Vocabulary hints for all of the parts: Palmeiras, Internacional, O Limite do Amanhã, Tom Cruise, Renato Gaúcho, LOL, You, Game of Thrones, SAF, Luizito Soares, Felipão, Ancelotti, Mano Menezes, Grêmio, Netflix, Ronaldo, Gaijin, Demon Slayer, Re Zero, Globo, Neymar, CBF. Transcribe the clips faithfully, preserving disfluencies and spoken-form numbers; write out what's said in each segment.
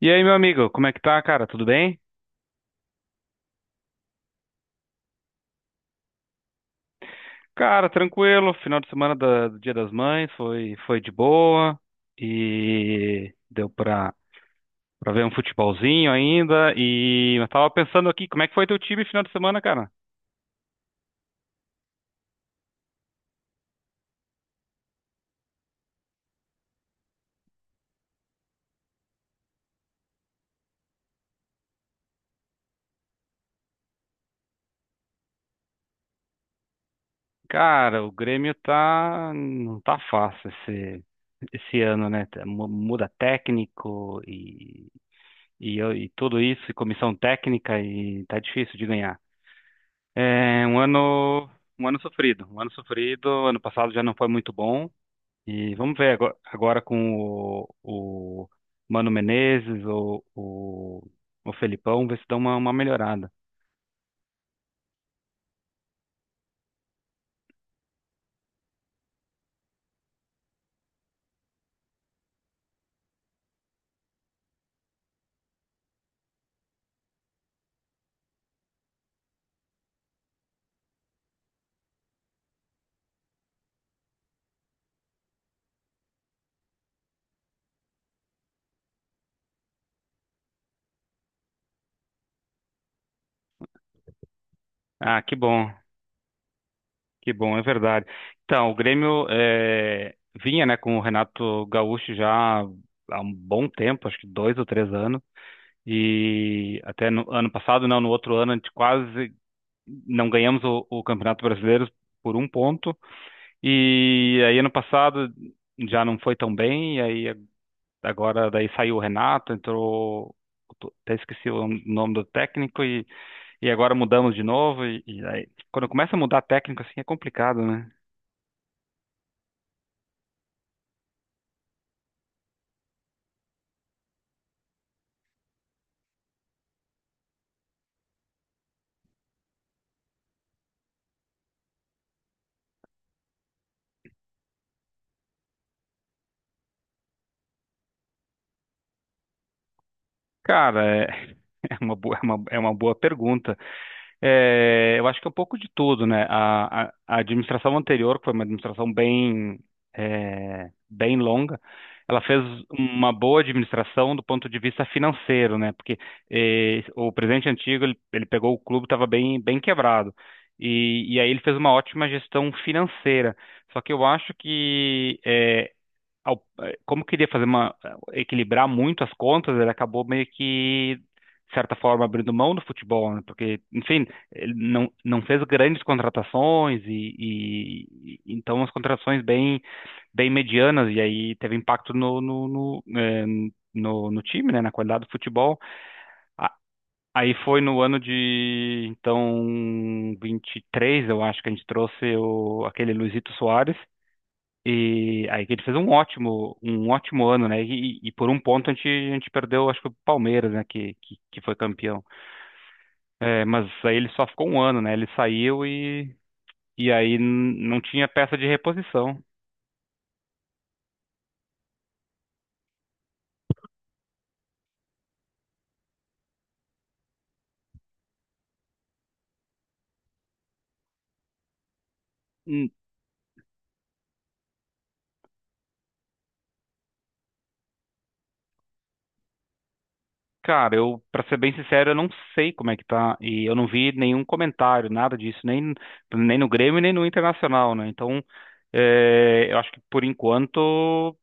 E aí, meu amigo, como é que tá, cara? Tudo bem? Cara, tranquilo. Final de semana da- do Dia das Mães foi foi de boa e deu pra, pra ver um futebolzinho ainda. E eu tava pensando aqui, como é que foi teu time final de semana, cara? Cara, o Grêmio tá não tá fácil esse esse ano, né? Tá- mu- Muda técnico e e, eu- e tudo isso, e comissão técnica e tá difícil de ganhar. É um ano, Um ano sofrido. Um ano sofrido. Ano passado já não foi muito bom. E vamos ver agora, agora com o, o Mano Menezes, o, o, o Felipão, ver se dá uma, uma melhorada. Ah, que bom, que bom, é verdade. Então, o Grêmio é, vinha, né, com o Renato Gaúcho já há um bom tempo, acho que dois ou três anos. E até no ano passado, não, no outro ano, a gente quase não ganhamos o, o Campeonato Brasileiro por um ponto. E aí ano passado já não foi tão bem, e aí agora daí saiu o Renato, entrou, até esqueci o nome do técnico, e, e agora mudamos de novo, e, e aí quando começa a mudar técnico assim é complicado, né? Cara, é, é uma boa, é uma, é uma boa pergunta. É, eu acho que é um pouco de tudo, né? A, a, a administração anterior, que foi uma administração bem, é, bem longa, ela fez uma boa administração do ponto de vista financeiro, né? Porque é, o presidente antigo, ele, ele pegou o clube, estava bem, bem quebrado. E, e aí ele fez uma ótima gestão financeira. Só que eu acho que é, ao- eh, como queria fazer uma é, equilibrar muito as contas, ele acabou meio que de certa forma abrindo mão do futebol, né? Porque, enfim, ele não não fez grandes contratações e, e- e- então as contratações bem bem medianas e aí teve impacto no no, no, eh, no- no time, né? Na qualidade do futebol. A- Aí foi no ano de então vinte e três, eu acho que a gente trouxe o, aquele Luizito Soares e aí que ele fez um ótimo, um ótimo ano, né? E, e por um ponto a gente, a gente perdeu, acho que o Palmeiras, né? Que, que, que foi campeão. É, mas aí ele só ficou um ano, né? Ele saiu e, e aí n- não tinha peça de reposição. Cara, eu, pra ser bem sincero, eu não sei como é que tá. E eu não vi nenhum comentário, nada disso, nem, nem no Grêmio, nem no Internacional, né? Então, é, eu acho que por enquanto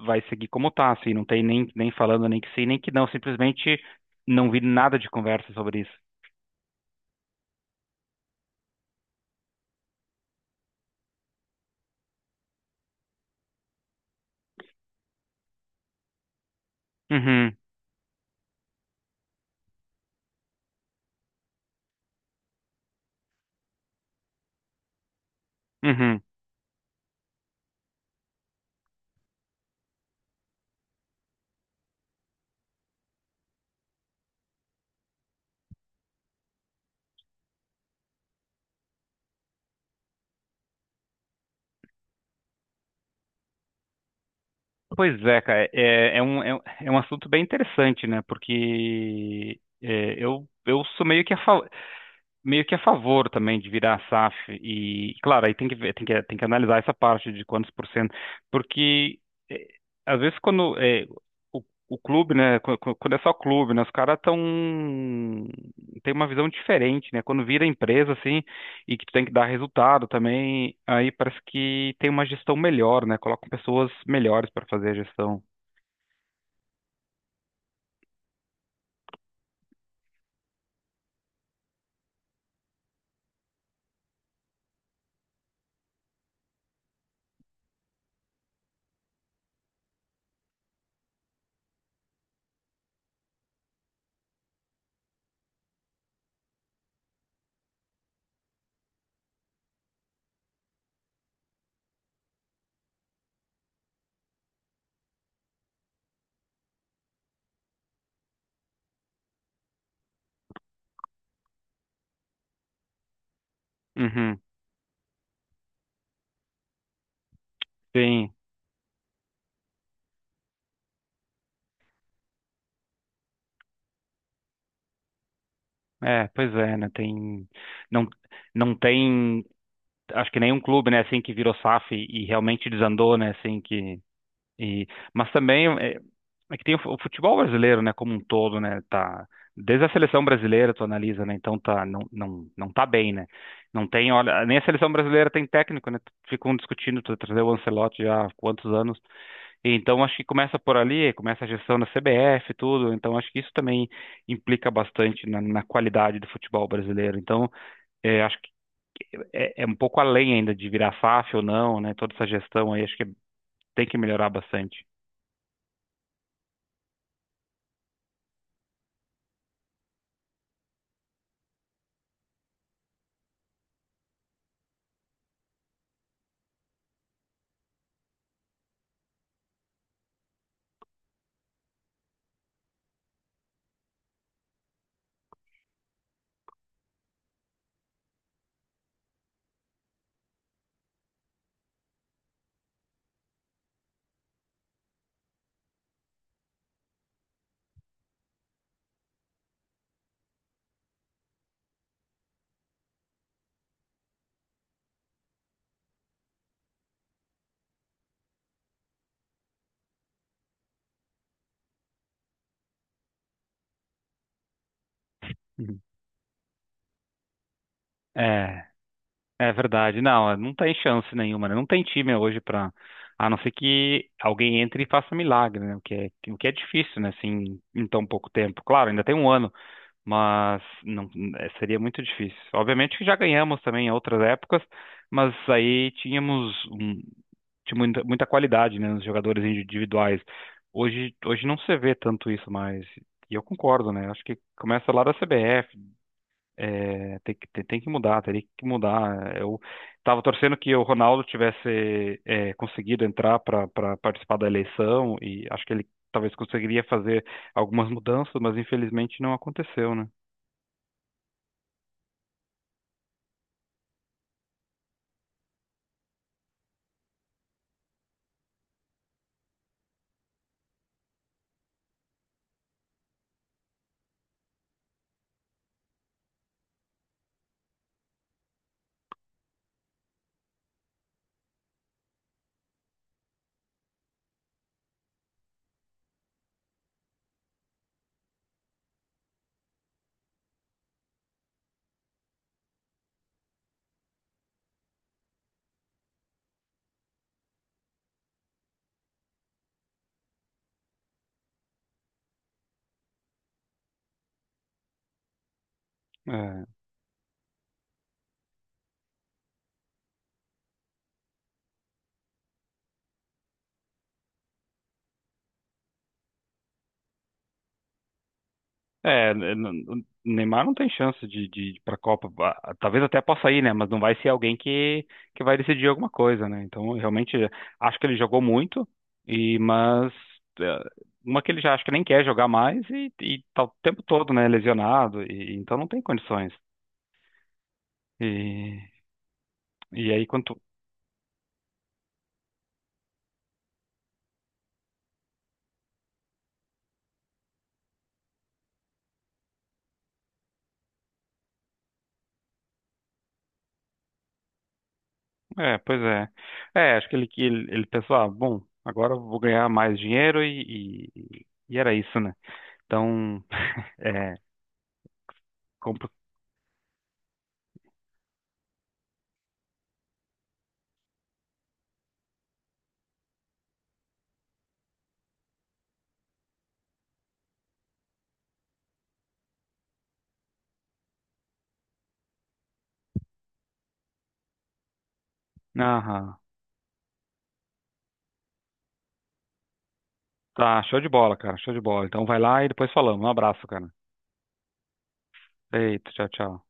vai seguir como tá, assim. Não tem nem, nem falando nem que sim, nem que não. Simplesmente não vi nada de conversa sobre isso. Uhum, uhum. Pois é, cara, é, é um, é, um é um assunto bem interessante, né? Porque é, eu, eu sou meio que a favor. Meio que a favor também de virar a SAF e, claro, aí tem que ver, tem que, tem que analisar essa parte de quantos por cento, porque eh, às vezes quando eh, o, o clube, né, qu- qu- quando é só clube, né, os caras tão tem uma visão diferente, né? Quando vira empresa assim e que tu tem que dar resultado também, aí parece que tem uma gestão melhor, né? Colocam pessoas melhores para fazer a gestão. Uhum, sim. É, pois é, né? Tem, não, não tem acho que nenhum clube, né, assim, que virou SAF e, e realmente desandou, né, assim, que... E, mas também é, é que tem o fu- o futebol brasileiro, né, como um todo, né, tá... Desde a seleção brasileira tu analisa, né, então tá, não, não, não tá bem, né. Não tem, olha, nem a seleção brasileira tem técnico, né, ficam discutindo tu trazer o Ancelotti já há quantos anos. E, então acho que começa por ali, começa a gestão da C B F e tudo, então acho que isso também implica bastante na, na qualidade do futebol brasileiro. Então, é, acho é, é um pouco além ainda de virar FAF ou não, né? Toda essa gestão aí, acho que tem que melhorar bastante. Uhum. É, é verdade. Não, é, não tem chance nenhuma, né? Não tem time hoje para, a não ser que alguém entre e faça milagre, né? O que é, o que é difícil, né? Assim, em tão pouco tempo. Claro, ainda tem um ano, mas não, é, seria muito difícil. Obviamente que já ganhamos também em outras épocas, mas aí tínhamos um- tinha muita, muita qualidade, né, nos jogadores individuais. Hoje, hoje não se vê tanto isso mais. E eu concordo, né? Acho que começa lá da C B F, é, tem que, tem, tem que mudar, teria que mudar. Eu estava torcendo que o Ronaldo tivesse é, conseguido entrar para participar da eleição e acho que ele talvez conseguiria fazer algumas mudanças, mas infelizmente não aconteceu, né? É, é, n- n- Neymar não tem chance de, de ir para a Copa. Ah, talvez até possa ir, né? Mas não vai ser alguém que, que vai decidir alguma coisa, né? Então, eu realmente acho que ele jogou muito, e mas é, uma que ele já acho que nem quer jogar mais e, e tá o tempo todo, né? Lesionado, e, então não tem condições. E, e aí quanto. É, pois é. É, acho que ele, que ele, ele pensou, ah, bom, agora eu vou ganhar mais dinheiro e, e, e era isso, né? Então, é. Aham. Tá, show de bola, cara. Show de bola. Então vai lá e depois falamos. Um abraço, cara. Eita, tchau, tchau.